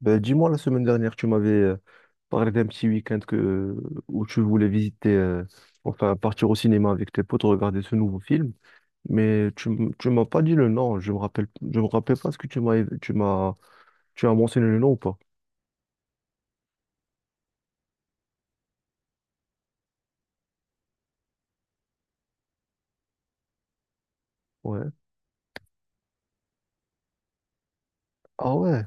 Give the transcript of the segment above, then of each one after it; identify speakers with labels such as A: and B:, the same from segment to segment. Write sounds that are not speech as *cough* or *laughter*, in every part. A: Ben, dis-moi, la semaine dernière, tu m'avais parlé d'un petit week-end où tu voulais visiter, enfin partir au cinéma avec tes potes, regarder ce nouveau film. Mais tu m'as pas dit le nom, je me rappelle pas ce que tu as mentionné le nom ou pas? Ouais. Ah ouais.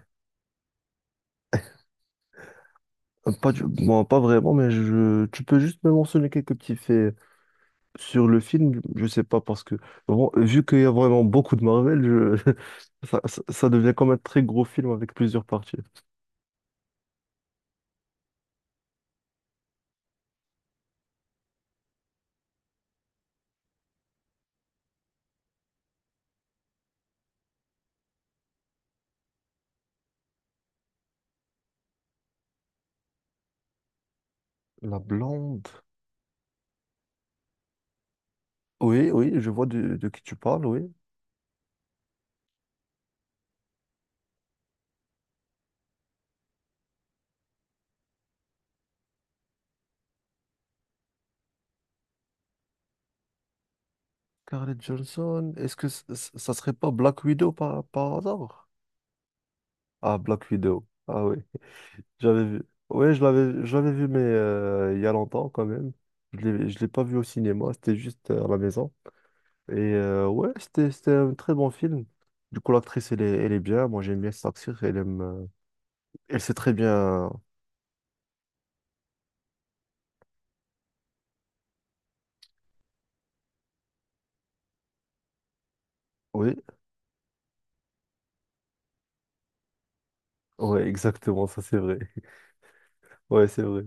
A: Pas, du- Bon, pas vraiment, mais tu peux juste me mentionner quelques petits faits sur le film. Je sais pas, parce que bon, vu qu'il y a vraiment beaucoup de Marvel, *laughs* ça devient comme un très gros film avec plusieurs parties. La blonde. Oui, oui, je vois de qui tu parles, oui. Scarlett Johnson, est-ce que ça serait pas Black Widow par hasard? Ah, Black Widow. Ah oui, j'avais vu. Oui, je l'avais vu, mais il y a longtemps quand même. Je l'ai pas vu au cinéma, c'était juste à la maison. Et ouais, c'était un très bon film. Du coup, l'actrice, elle est bien. Moi, j'aime bien cette actrice. Elle elle sait très bien. Oui, ouais, exactement, ça c'est vrai. *laughs* Ouais, c'est vrai.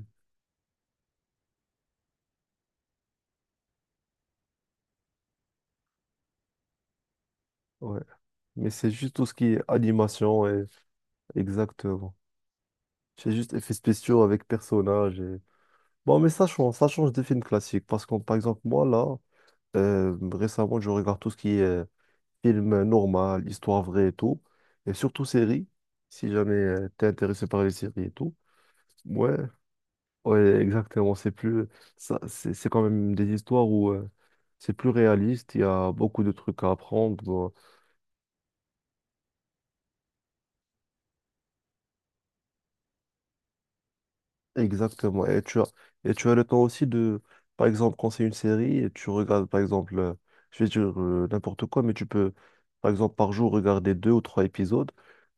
A: Ouais. Mais c'est juste tout ce qui est animation et exactement. C'est juste effets spéciaux avec personnages. Bon, mais ça change des films classiques. Parce que, par exemple, moi, là, récemment, je regarde tout ce qui est film normal, histoire vraie et tout. Et surtout séries, si jamais t'es intéressé par les séries et tout. Ouais, ouais, exactement. C'est plus, ça, c'est quand même des histoires où c'est plus réaliste. Il y a beaucoup de trucs à apprendre. Exactement. Et tu as le temps aussi de, par exemple, quand c'est une série, et tu regardes, par exemple, je vais dire n'importe quoi, mais tu peux, par exemple, par jour, regarder deux ou trois épisodes.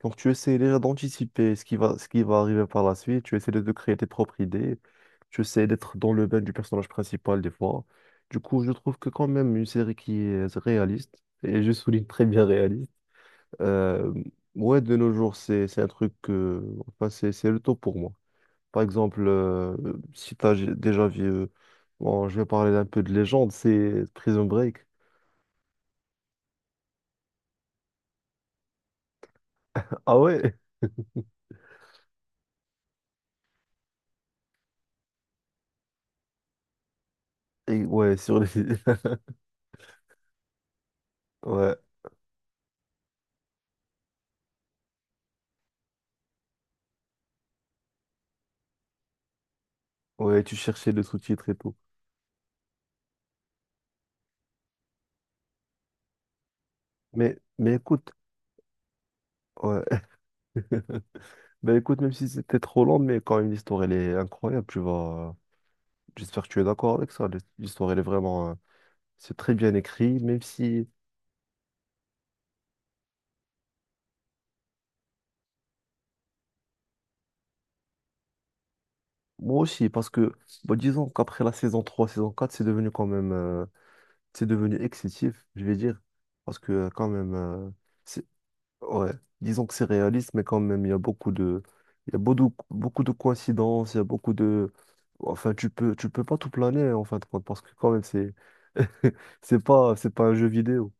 A: Donc, tu essaies déjà d'anticiper ce qui va arriver par la suite. Tu essaies de créer tes propres idées. Tu essaies d'être dans le bain du personnage principal des fois. Du coup, je trouve que quand même une série qui est réaliste, et je souligne très bien réaliste, euh, ouais, de nos jours, c'est un truc que, enfin, c'est le top pour moi. Par exemple, si tu as déjà vu, bon, je vais parler un peu de légende, c'est Prison Break. Ah ouais? Et ouais, sur les. *laughs* Ouais, ouais, tu cherchais le sous-titre et tout. Mais écoute, ouais. *laughs* Ben écoute, même si c'était trop long, mais quand même, l'histoire, elle est incroyable. Tu vas. J'espère que tu es d'accord avec ça. L'histoire, elle est vraiment. C'est très bien écrit, même si. Moi aussi, parce que, bon, disons qu'après la saison 3, saison 4, c'est devenu quand même. C'est devenu excessif, je vais dire, parce que quand même, c'est, ouais, disons que c'est réaliste, mais quand même, il y a beaucoup, beaucoup de coïncidences, il y a beaucoup de, enfin, tu peux pas tout planer en fin de compte, parce que quand même, *laughs* c'est pas un jeu vidéo.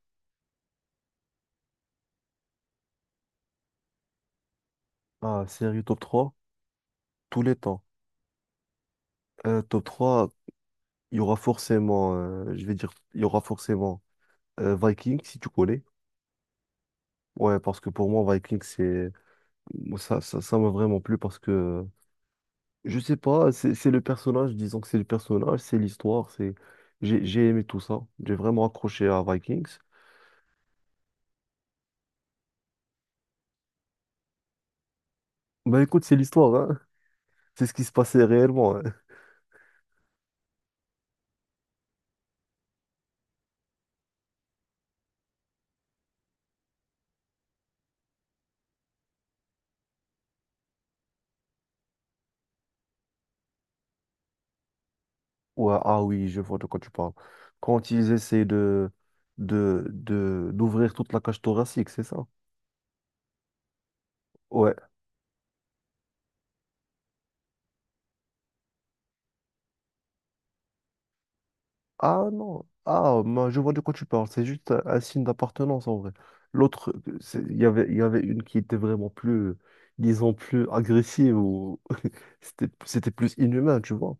A: Ah, série top 3 tous les temps. Top 3 il y aura forcément, je vais dire, il y aura forcément Vikings, si tu connais. Ouais, parce que pour moi, Vikings, c'est, moi, ça m'a vraiment plu parce que je sais pas, c'est le personnage, disons que c'est le personnage, c'est l'histoire, c'est j'ai aimé tout ça. J'ai vraiment accroché à Vikings. Bah écoute, c'est l'histoire, hein. C'est ce qui se passait réellement, hein. Ouais, ah oui, je vois de quoi tu parles. Quand ils essaient de d'ouvrir toute la cage thoracique, c'est ça? Ouais. Ah non, ah, moi, je vois de quoi tu parles, c'est juste un signe d'appartenance en vrai. L'autre, il y avait une qui était vraiment plus, disons, plus agressive ou *laughs* c'était plus inhumain, tu vois.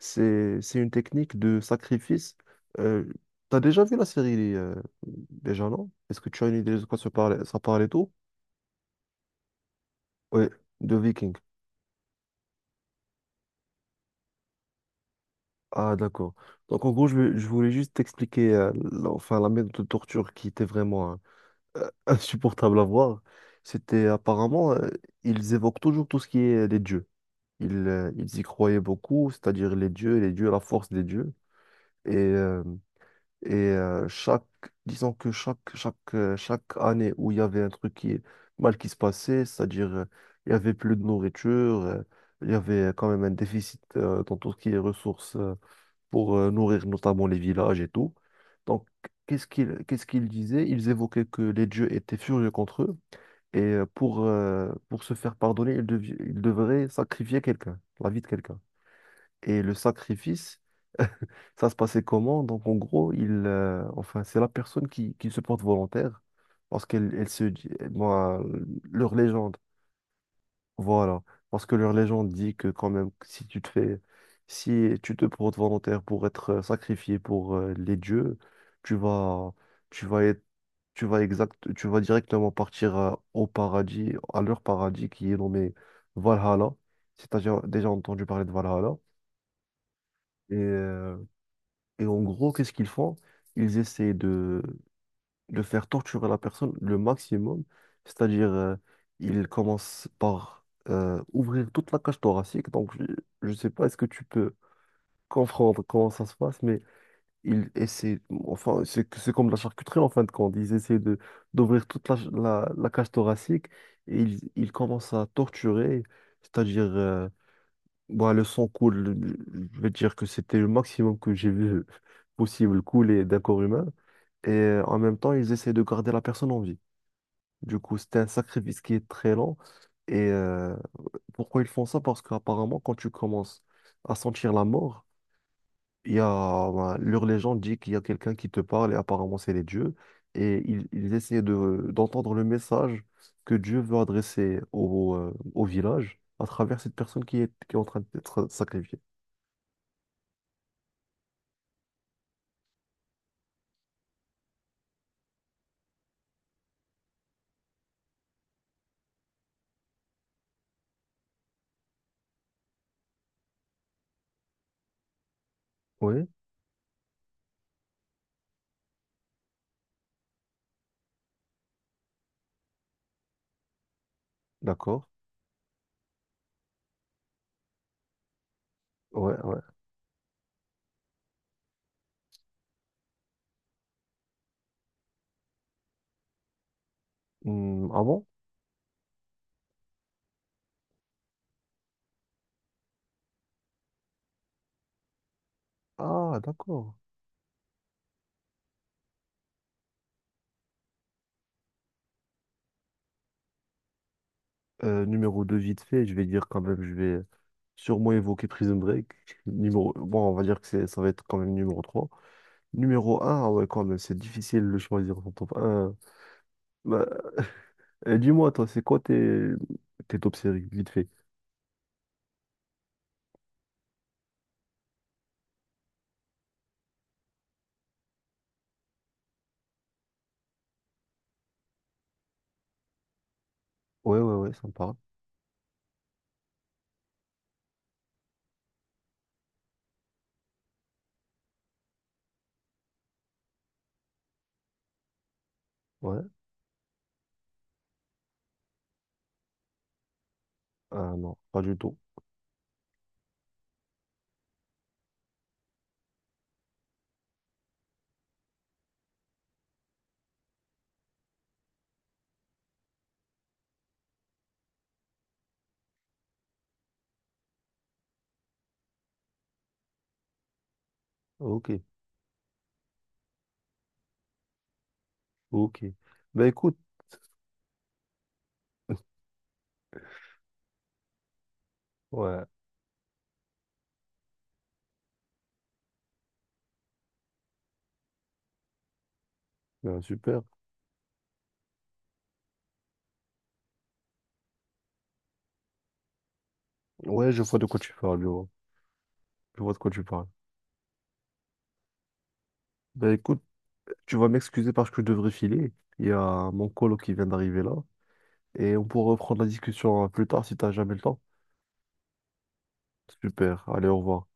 A: C'est une technique de sacrifice. Euh, T'as déjà vu la série, déjà, non? Est-ce que tu as une idée de quoi ça parlait tout? Oui, de Viking. Ah, d'accord. Donc, en gros, je voulais juste t'expliquer enfin, la méthode de torture qui était vraiment, hein, insupportable à voir, c'était apparemment, ils évoquent toujours tout ce qui est les dieux. Ils y croyaient beaucoup, c'est-à-dire les dieux, la force des dieux. Et, euh, et disons que chaque année où il y avait mal qui se passait, c'est-à-dire il y avait plus de nourriture, il y avait quand même un déficit dans tout ce qui est ressources pour nourrir notamment les villages et tout. Donc, qu'est-ce qu'ils disaient? Ils évoquaient que les dieux étaient furieux contre eux et pour se faire pardonner, il devrait sacrifier quelqu'un, la vie de quelqu'un. Et le sacrifice, *laughs* ça se passait comment? Donc en gros, enfin, c'est la personne qui se porte volontaire parce qu'elle se dit, moi, leur légende. Voilà, parce que leur légende dit que quand même, si tu te portes volontaire pour être sacrifié pour les dieux, tu vas, tu vas être, tu vas exact, tu vas directement partir au paradis, à leur paradis qui est nommé Valhalla. Si tu as déjà entendu parler de Valhalla. Et, euh, et en gros, qu'est-ce qu'ils font? Ils essaient de faire torturer la personne le maximum, c'est-à-dire il commence par ouvrir toute la cage thoracique, donc je ne sais pas est-ce que tu peux comprendre comment ça se passe, mais il essaie, enfin c'est comme la charcuterie en fin de compte, ils essaient de d'ouvrir toute la cage thoracique et ils commencent à torturer, c'est-à-dire bah, le sang coule, je vais te dire que c'était le maximum que j'ai vu *laughs* possible couler d'un corps humain. Et en même temps, ils essaient de garder la personne en vie. Du coup, c'était un sacrifice qui est très long. Et pourquoi ils font ça? Parce qu'apparemment, quand tu commences à sentir la mort, il y a ben, leur légende dit qu'il y a quelqu'un qui te parle et apparemment c'est les dieux. Et ils essaient d'entendre le message que Dieu veut adresser au village à travers cette personne qui est en train d'être sacrifiée. Oui, d'accord. Ouais, ouais. Ah bon? Ah, d'accord. Numéro 2 vite fait, je vais dire quand même, je vais sûrement évoquer Prison Break. *laughs* Numéro. Bon, on va dire que ça va être quand même numéro trois. Numéro 1, ouais, quand même, c'est difficile de choisir son top un. Bah, dis-moi, toi, c'est quoi tes top séries, vite fait? Ouais, ouais, ouais, sympa. Ouais. Ah non, pas du tout. Ok, ok. Bah écoute, *laughs* Ouais, ben, super. Ouais, je vois de quoi tu parles, je vois. Je vois de quoi tu parles. Ben écoute, tu vas m'excuser parce que je devrais filer. Il y a mon colo qui vient d'arriver là. Et on pourra reprendre la discussion plus tard si t'as jamais le temps. Super, allez, au revoir.